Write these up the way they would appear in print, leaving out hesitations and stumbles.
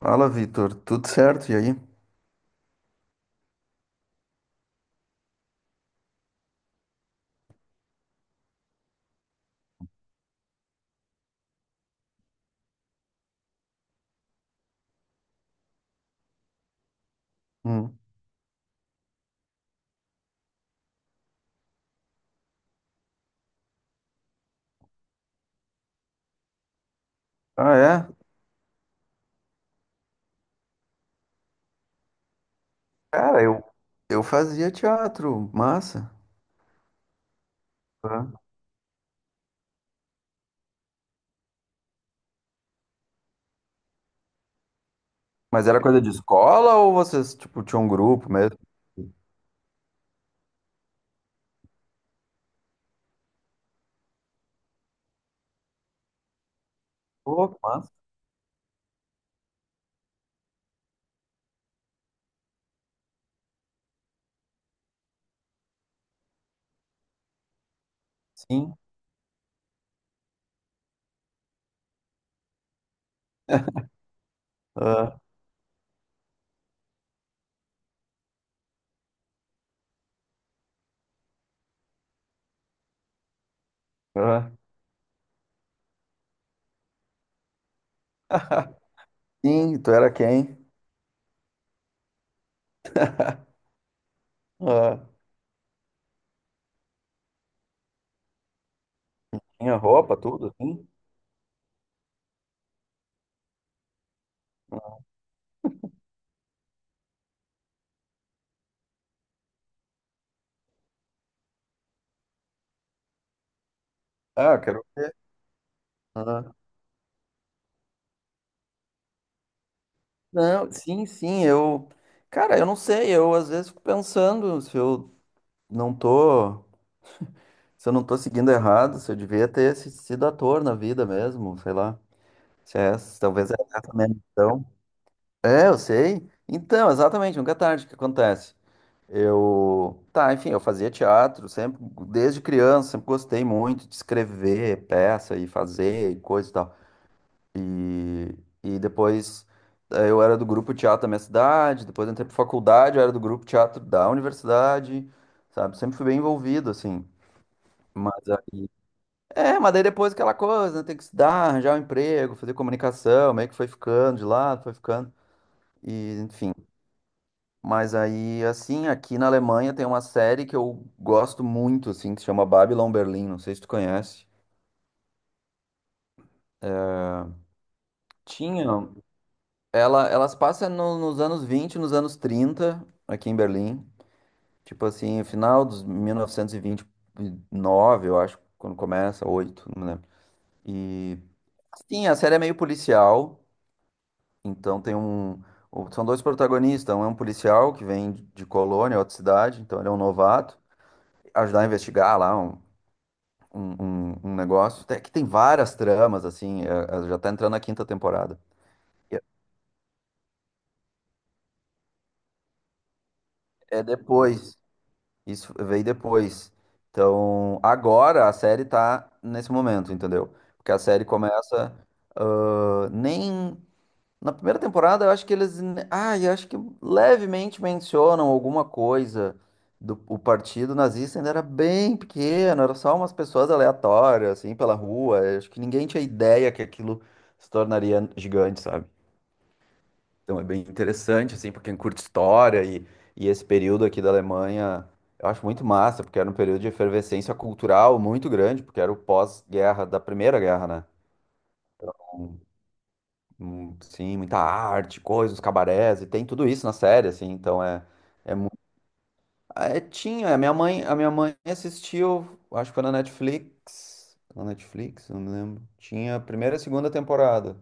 Fala, Vitor. Tudo certo? E aí? Hum. Ah, é? Cara, eu fazia teatro, massa. Ah. Mas era coisa de escola ou vocês, tipo, tinham um grupo mesmo? Pô, que massa. Sim. Ah, ah. Sim, tu era quem? Ah, tinha roupa, tudo, assim? Ah, quero. Ah. Não, sim, sim, eu. Cara, eu não sei, eu às vezes fico pensando se eu não tô. Se eu não tô seguindo errado, se eu devia ter sido ator na vida mesmo, sei lá. Chess, talvez é essa mesmo. Então, é, eu sei. Então, exatamente, nunca é tarde o que acontece. Eu, tá, enfim, eu fazia teatro sempre, desde criança, sempre gostei muito de escrever peça e fazer e coisa e tal. E, e depois eu era do grupo teatro da minha cidade, depois eu entrei pra faculdade, eu era do grupo teatro da universidade, sabe? Sempre fui bem envolvido, assim. Mas aí mas daí depois aquela coisa, né? Tem que estudar, arranjar um emprego, fazer comunicação, meio que foi ficando de lado, foi ficando. E, enfim. Mas aí, assim, aqui na Alemanha tem uma série que eu gosto muito, assim, que se chama Babylon Berlim, não sei se tu conhece. Tinha. Elas passam nos anos 20, nos anos 30, aqui em Berlim. Tipo assim, final dos 1929, eu acho, quando começa, 8, não me lembro. E, assim, a série é meio policial. Então tem um. São dois protagonistas. Um é um policial que vem de Colônia, outra cidade, então ele é um novato. Ajudar a investigar lá um, um negócio. Que tem várias tramas, assim. Já tá entrando na quinta temporada. É é depois. Isso veio depois. Então, agora a série tá nesse momento, entendeu? Porque a série começa. Ah, nem Na primeira temporada, eu acho que eles. Ah, eu acho que levemente mencionam alguma coisa do o partido nazista ainda era bem pequeno, era só umas pessoas aleatórias, assim, pela rua. Eu acho que ninguém tinha ideia que aquilo se tornaria gigante, sabe? Então é bem interessante, assim, pra quem curte história e esse período aqui da Alemanha, eu acho muito massa, porque era um período de efervescência cultural muito grande, porque era o pós-guerra da Primeira Guerra, né? Sim, muita arte, coisas, cabarés, e tem tudo isso na série, assim, então é, mu- tinha, a minha mãe assistiu, acho que foi na Netflix, não me lembro, tinha a primeira e a segunda temporada,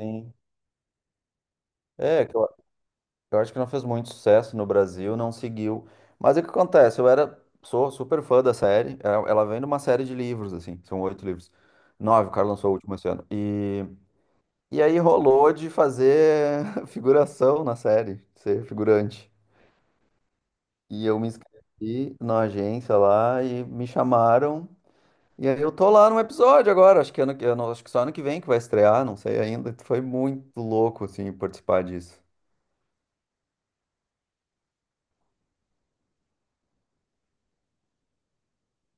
sim, é, que eu acho que não fez muito sucesso no Brasil, não seguiu, mas o que acontece, eu era, sou super fã da série, ela vem de uma série de livros, assim, são oito livros, nove, o cara lançou o último esse ano. E aí rolou de fazer figuração na série, ser figurante. E eu me inscrevi na agência lá e me chamaram. E aí eu tô lá num episódio agora, acho que ano, que- eu não- acho que só ano que vem que vai estrear, não sei ainda. Foi muito louco, assim, participar disso.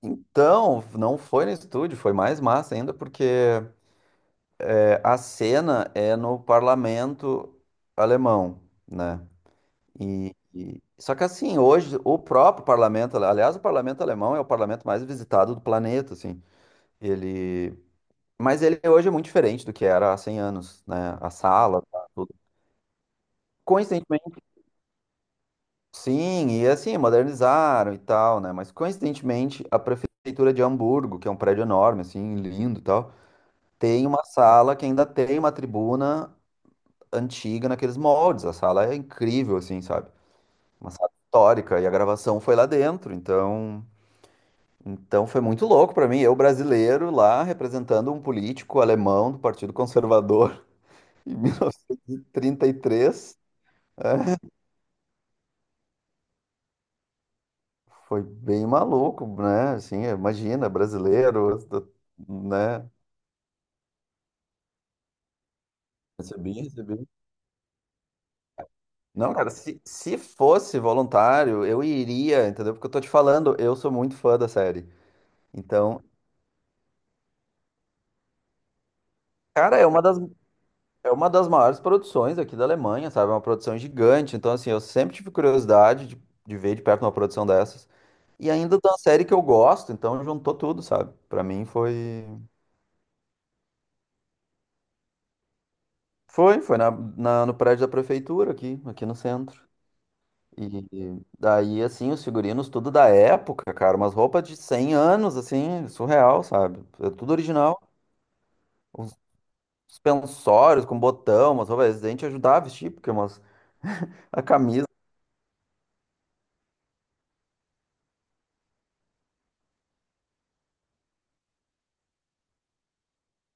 Então, não foi no estúdio, foi mais massa ainda, porque é, a cena é no parlamento alemão, né? E, só que assim, hoje o próprio parlamento, aliás, o parlamento alemão é o parlamento mais visitado do planeta, assim. Ele, mas ele hoje é muito diferente do que era há 100 anos, né? A sala, tá, tudo. Coincidentemente, sim, e assim, modernizaram e tal, né? Mas coincidentemente, a prefeitura de Hamburgo, que é um prédio enorme, assim, lindo e tal, tem uma sala que ainda tem uma tribuna antiga naqueles moldes. A sala é incrível, assim, sabe? Uma sala histórica e a gravação foi lá dentro, então foi muito louco pra mim, eu brasileiro lá representando um político alemão do Partido Conservador em 1933. Foi bem maluco, né? Assim, imagina, brasileiro, né? Recebi, recebi. Não, cara, se fosse voluntário, eu iria, entendeu? Porque eu tô te falando, eu sou muito fã da série. Então, cara, é uma das maiores produções aqui da Alemanha, sabe? É uma produção gigante. Então, assim, eu sempre tive curiosidade de ver de perto uma produção dessas. E ainda de uma série que eu gosto, então juntou tudo, sabe? Pra mim foi. Foi no prédio da prefeitura aqui, no centro. E daí, assim, os figurinos, tudo da época, cara, umas roupas de 100 anos, assim, surreal, sabe? É tudo original. Os suspensórios com botão, umas roupas, a gente ajudava a vestir, porque umas. A camisa.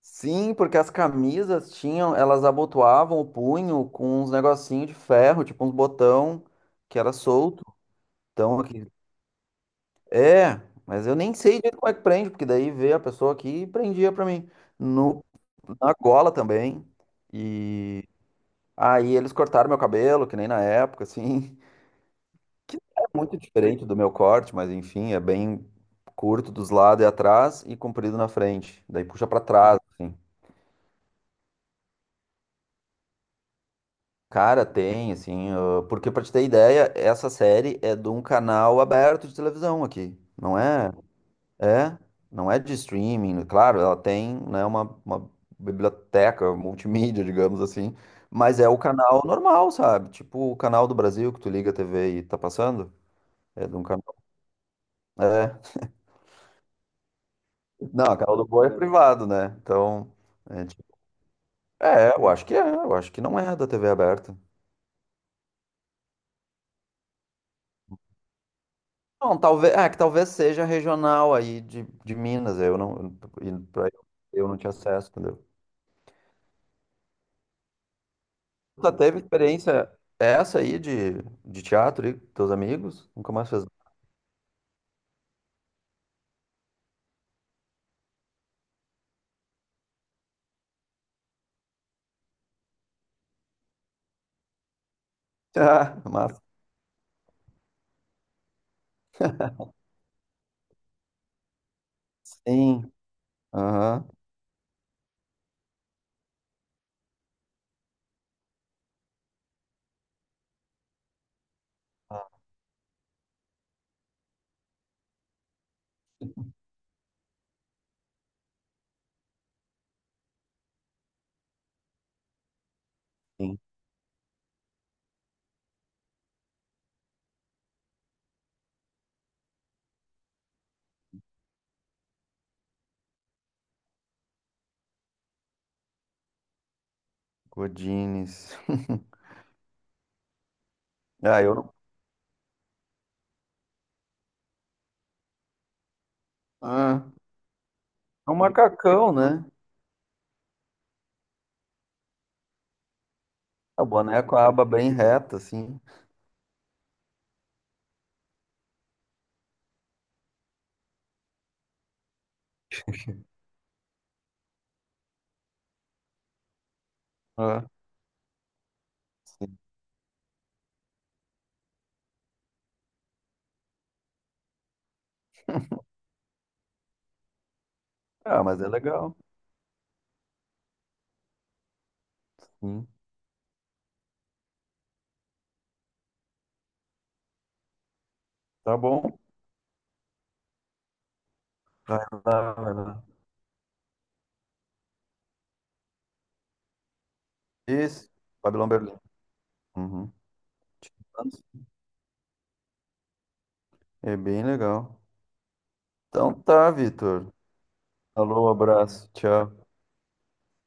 Sim, porque as camisas tinham, elas abotoavam o punho com uns negocinho de ferro, tipo uns botão que era solto. Então, é, mas eu nem sei direito como é que prende, porque daí veio a pessoa aqui e prendia pra mim. No, na gola também. E aí eles cortaram meu cabelo, que nem na época, assim. Que é muito diferente do meu corte, mas enfim, é bem curto dos lados e atrás e comprido na frente. Daí puxa pra trás, assim. Cara, tem, assim. Porque pra te ter ideia, essa série é de um canal aberto de televisão aqui. Não é. É, não é de streaming, claro, ela tem, né, uma biblioteca multimídia, digamos assim, mas é o canal normal, sabe? Tipo o canal do Brasil que tu liga a TV e tá passando. É de um canal. É. Não, o canal do Boi é privado, né? Então, é. Eu acho que não é da TV aberta. Não, talvez, é que talvez seja regional aí de Minas, eu não, e pra- eu não tinha acesso, entendeu? Tu teve experiência essa aí de teatro aí com teus amigos? Nunca mais fez. Ah, massa. Sim. Aham. Sim. Godines. Ah, eu não. Ah, é um macacão, né? A boneca com a aba bem reta, assim. Ah, sim. Ah, mas é legal. Sim. Tá bom. Vai lá, vai lá. Isso. Babylon Berlim. Uhum. É bem legal. Então tá, Vitor. Alô, abraço. Tchau.